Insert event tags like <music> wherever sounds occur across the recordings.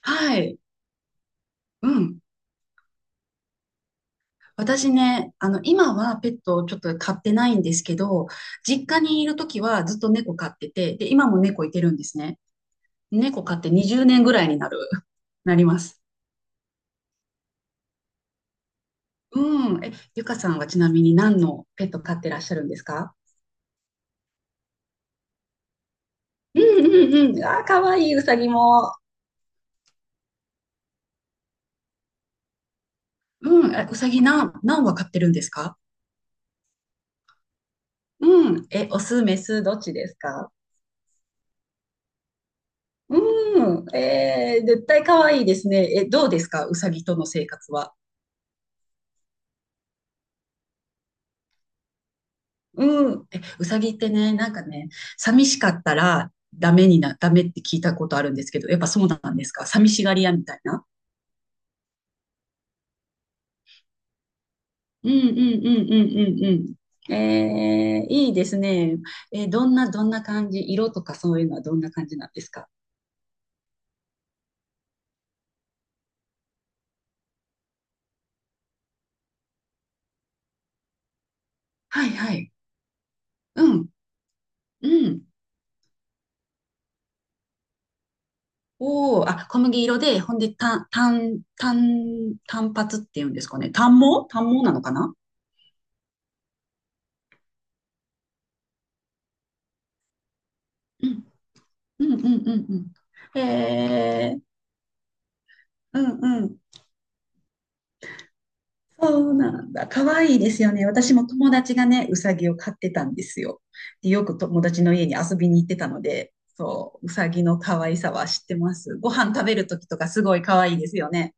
はい。うん。私ね、今はペットをちょっと飼ってないんですけど、実家にいるときはずっと猫飼ってて、で、今も猫いてるんですね。猫飼って20年ぐらいになります。うん。え、ゆかさんはちなみに何のペット飼ってらっしゃるんですか？ <laughs> うんうんうん。あー、かわいい、うさぎも。うん。えうさぎ何羽飼ってるんですか？うん。え、オス、メス、どっちですか？うん。えー、絶対かわいいですね。どうですかうさぎとの生活は。うん。え、うさぎってね、なんかね、寂しかったらダメって聞いたことあるんですけど、やっぱそうなんですか？寂しがり屋みたいな。うんうんうんうんうんうん。えー、いいですね。えーどんな感じ、色とかそういうのはどんな感じなんですか？はいはい。うん。うん。おお、あ、小麦色で、ほんで、単発っていうんですかね。単毛なのかな？うんうんうんうんうん。えー、うんうん。そうなんだ。可愛いいですよね。私も友達がね、うさぎを飼ってたんですよ。で、よく友達の家に遊びに行ってたので、そう、うさぎの可愛さは知ってます。ご飯食べるときとかすごい可愛いですよね。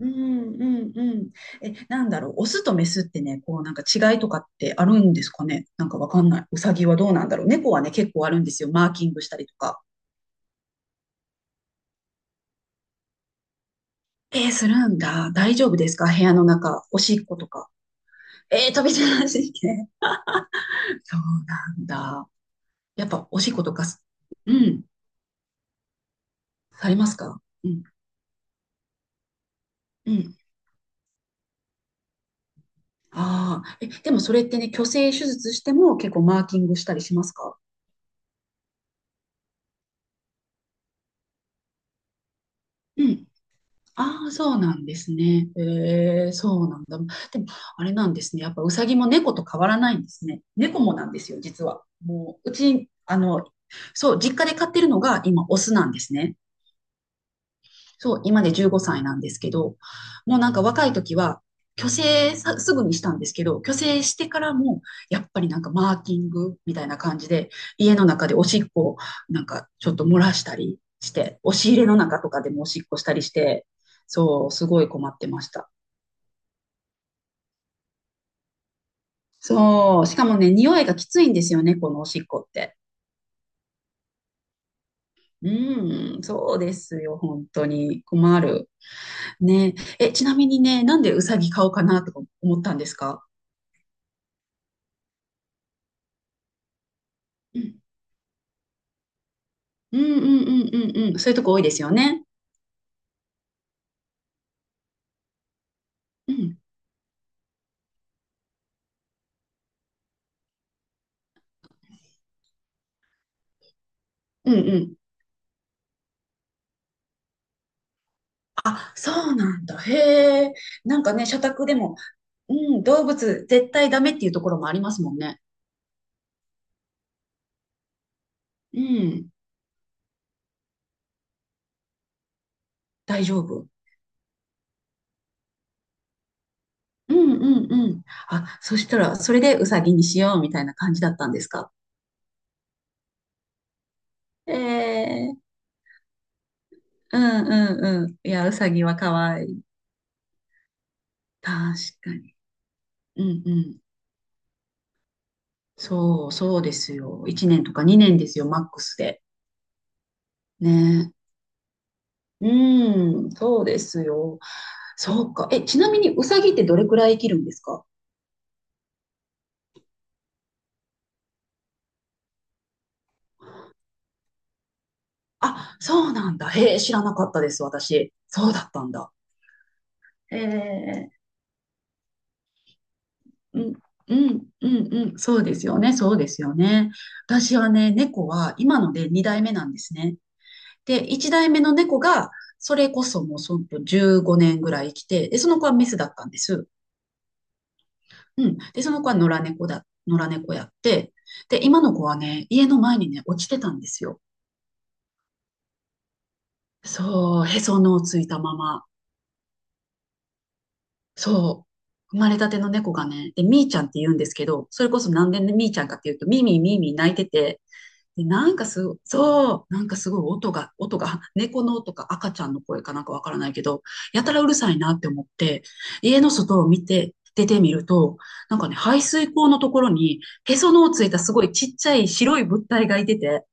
うんうんうん。え、なんだろう。オスとメスってね、こうなんか違いとかってあるんですかね。なんかわかんない。うさぎはどうなんだろう。猫はね、結構あるんですよ。マーキングしたりとか。えーするんだ。大丈夫ですか？部屋の中。おしっことか。えー、飛び出してて。そうなんだ。やっぱおしっことかすうん。されますか？うん。うん。ああ、え、でもそれってね、去勢手術しても結構マーキングしたりしますか？うん。ああ、そうなんですね。ええ、そうなんだ。でも、あれなんですね。やっぱウサギも猫と変わらないんですね。猫もなんですよ、実は。もう、うち、そう、実家で飼ってるのが今、オスなんですね。そう、今で15歳なんですけど、もうなんか若い時は、去勢さすぐにしたんですけど、去勢してからも、やっぱりなんかマーキングみたいな感じで、家の中でおしっこをなんかちょっと漏らしたりして、押し入れの中とかでもおしっこしたりして、そう、すごい困ってました。そう、しかもね、匂いがきついんですよね、このおしっこって。うん、そうですよ、本当に。困る。ねえ、ちなみにね、なんでうさぎ買おうかなとか思ったんですか？うんうんうんうんうんうん。そういうとこ多いですよね。うん。うんうん。あ、そうなんだ。へえ。なんかね、社宅でも、うん、動物絶対ダメっていうところもありますもんね。うん。大丈夫。うんうんうん。あ、そしたら、それでウサギにしようみたいな感じだったんですか？ええ。うんうんうん。いや、ウサギは可愛い。確かに。うんうん。そう、そうですよ。1年とか2年ですよ、マックスで。ね。うん、そうですよ。そうか。え、ちなみにウサギってどれくらい生きるんですか？あ、そうなんだ。へえ、知らなかったです、私。そうだったんだ。ええ、うん、うん、うん、うん、そうですよね、そうですよね。私はね、猫は今ので2代目なんですね。で、1代目の猫が、それこそもうその15年ぐらい生きて、で、その子はメスだったんです。うん。で、その子は野良猫やって、で、今の子はね、家の前にね、落ちてたんですよ。そう、へその緒をついたまま。そう。生まれたての猫がね、で、みーちゃんって言うんですけど、それこそなんでみーちゃんかっていうと、みーみーみーみー泣いてて、で、なんかすご、そう、なんかすごい音が、猫の音か赤ちゃんの声かなんかわからないけど、やたらうるさいなって思って、家の外を見て、出てみると、なんかね、排水溝のところに、へその緒ついたすごいちっちゃい白い物体がいてて、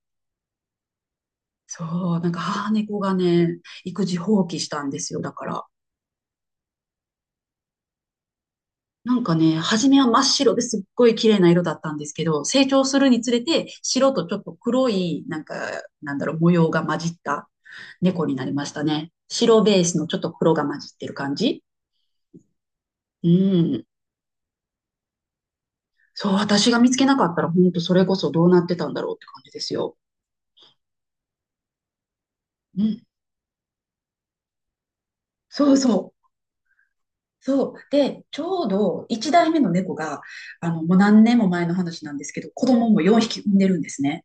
そう、なんか母猫がね、育児放棄したんですよ、だから。なんかね、初めは真っ白ですっごい綺麗な色だったんですけど、成長するにつれて白とちょっと黒い、なんか、なんだろう、模様が混じった猫になりましたね。白ベースのちょっと黒が混じってる感じ。うん。そう、私が見つけなかったら、本当それこそどうなってたんだろうって感じですよ。うん。そうそう。そう。で、ちょうど1代目の猫が、もう何年も前の話なんですけど、子供も4匹産んでるんですね。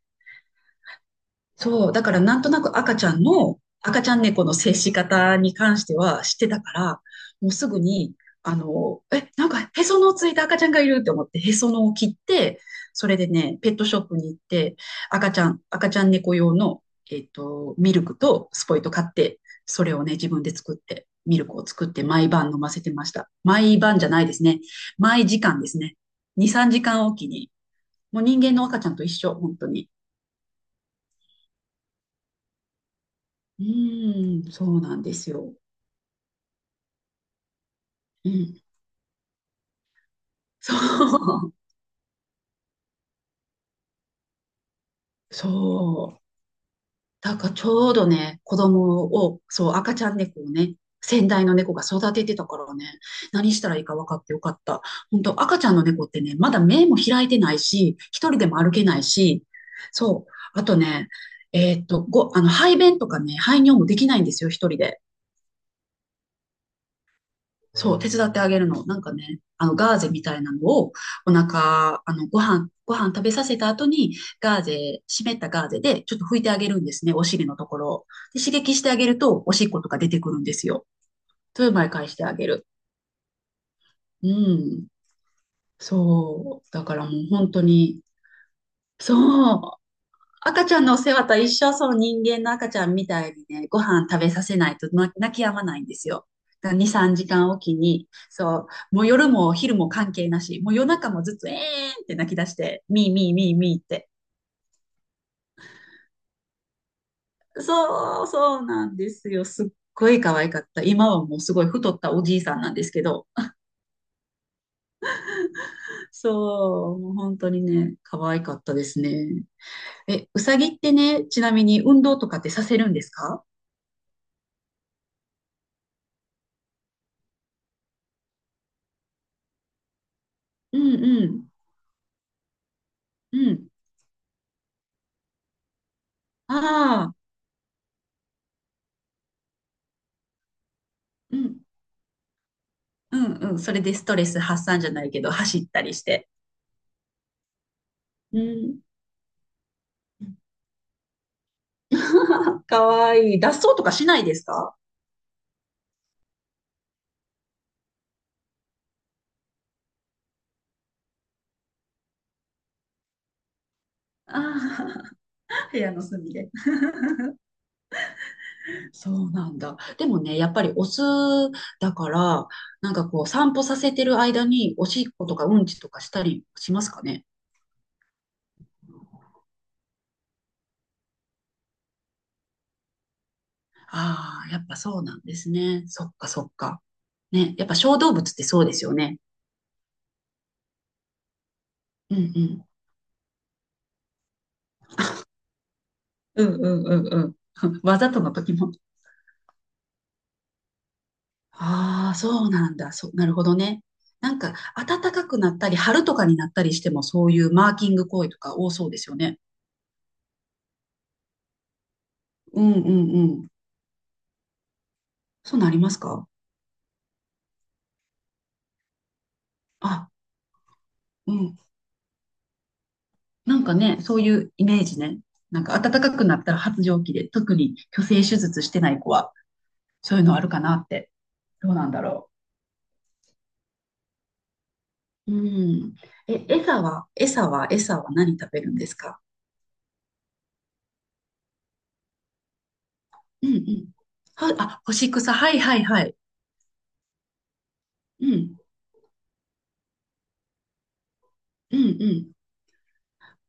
そう、だからなんとなく赤ちゃん猫の接し方に関しては知ってたから、もうすぐに、なんかへその緒ついた赤ちゃんがいるって思って、へその緒を切って、それでね、ペットショップに行って、赤ちゃん猫用の、ミルクとスポイト買って、それをね、自分で作って、ミルクを作って毎晩飲ませてました。毎晩じゃないですね。毎時間ですね。2、3時間おきに。もう人間の赤ちゃんと一緒、本当に。うーん、そうなんですよ。うん、そう、そう。だからちょうどね、子供を、そう、赤ちゃん猫をね、先代の猫が育ててたからね、何したらいいか分かってよかった。本当赤ちゃんの猫ってね、まだ目も開いてないし、一人でも歩けないし、そう。あとね、えーっと、ご、あの、排便とかね、排尿もできないんですよ、一人で。そう、手伝ってあげるの。なんかね、ガーゼみたいなのを、お腹、ご飯食べさせた後に、ガーゼ、湿ったガーゼで、ちょっと拭いてあげるんですね、お尻のところを。で、刺激してあげると、おしっことか出てくるんですよ。それを毎回してあげる。うん。そう。だからもう本当に、そう。赤ちゃんのお世話と一緒、その人間の赤ちゃんみたいにね、ご飯食べさせないとな泣き止まないんですよ。だから2、3時間おきに、そう、もう夜も昼も関係なし、もう夜中もずっとえーんって泣き出して、ミーミーミーミーって。そう、そうなんですよ。すっごい可愛かった。今はもうすごい太ったおじいさんなんですけど、そう、もう本当にね、可愛かったですね。え、うさぎってね、ちなみに運動とかってさせるんですか？うんうん、うん。ああ。うんうんうん。それでストレス発散じゃないけど、走ったりして。うん。<laughs> かわいい。脱走とかしないですか？ああ、<laughs> 部屋の隅で。そうなんだ。でもね、やっぱりオスだから、なんかこう、散歩させてる間に、おしっことかうんちとかしたりしますかね。ああ、やっぱそうなんですね。そっかそっか。ね、やっぱ小動物ってそうですよね。うんうん。うんうんうんうん。<laughs> わざとの時もああ、そうなんだ。そう、なるほどね。なんか、暖かくなったり、春とかになったりしても、そういうマーキング行為とか多そうですよね。うんうんうん。そうなりますか？あ、うん。なんかね、そういうイメージね。なんか、暖かくなったら発情期で、特に虚勢手術してない子は、そういうのあるかなって。どうなんだろう。うん。え、餌は何食べるんですか？うんうん。は、あ、干し草。はいはいはい。うん。うんうん。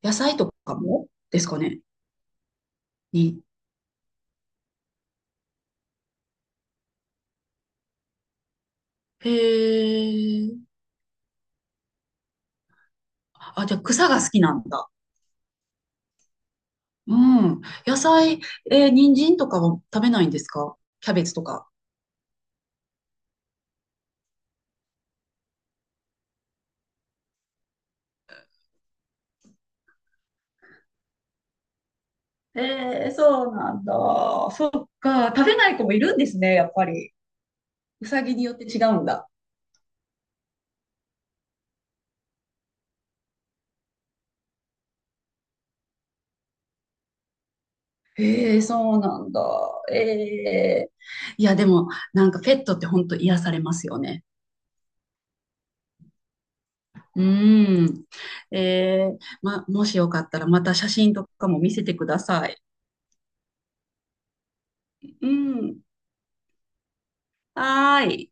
野菜とかもですかね？に。へえ。あ、じゃあ草が好きなんだ。うん。野菜、えー人参とかは食べないんですか？キャベツとか。えー、そうなんだ。そっか。食べない子もいるんですね、やっぱり。うさぎによって違うんだ。えー、そうなんだ。えー、いや、でも、なんかペットって本当癒されますよね。うん。えー、ま、もしよかったらまた写真とかも見せてください。うん。はーい。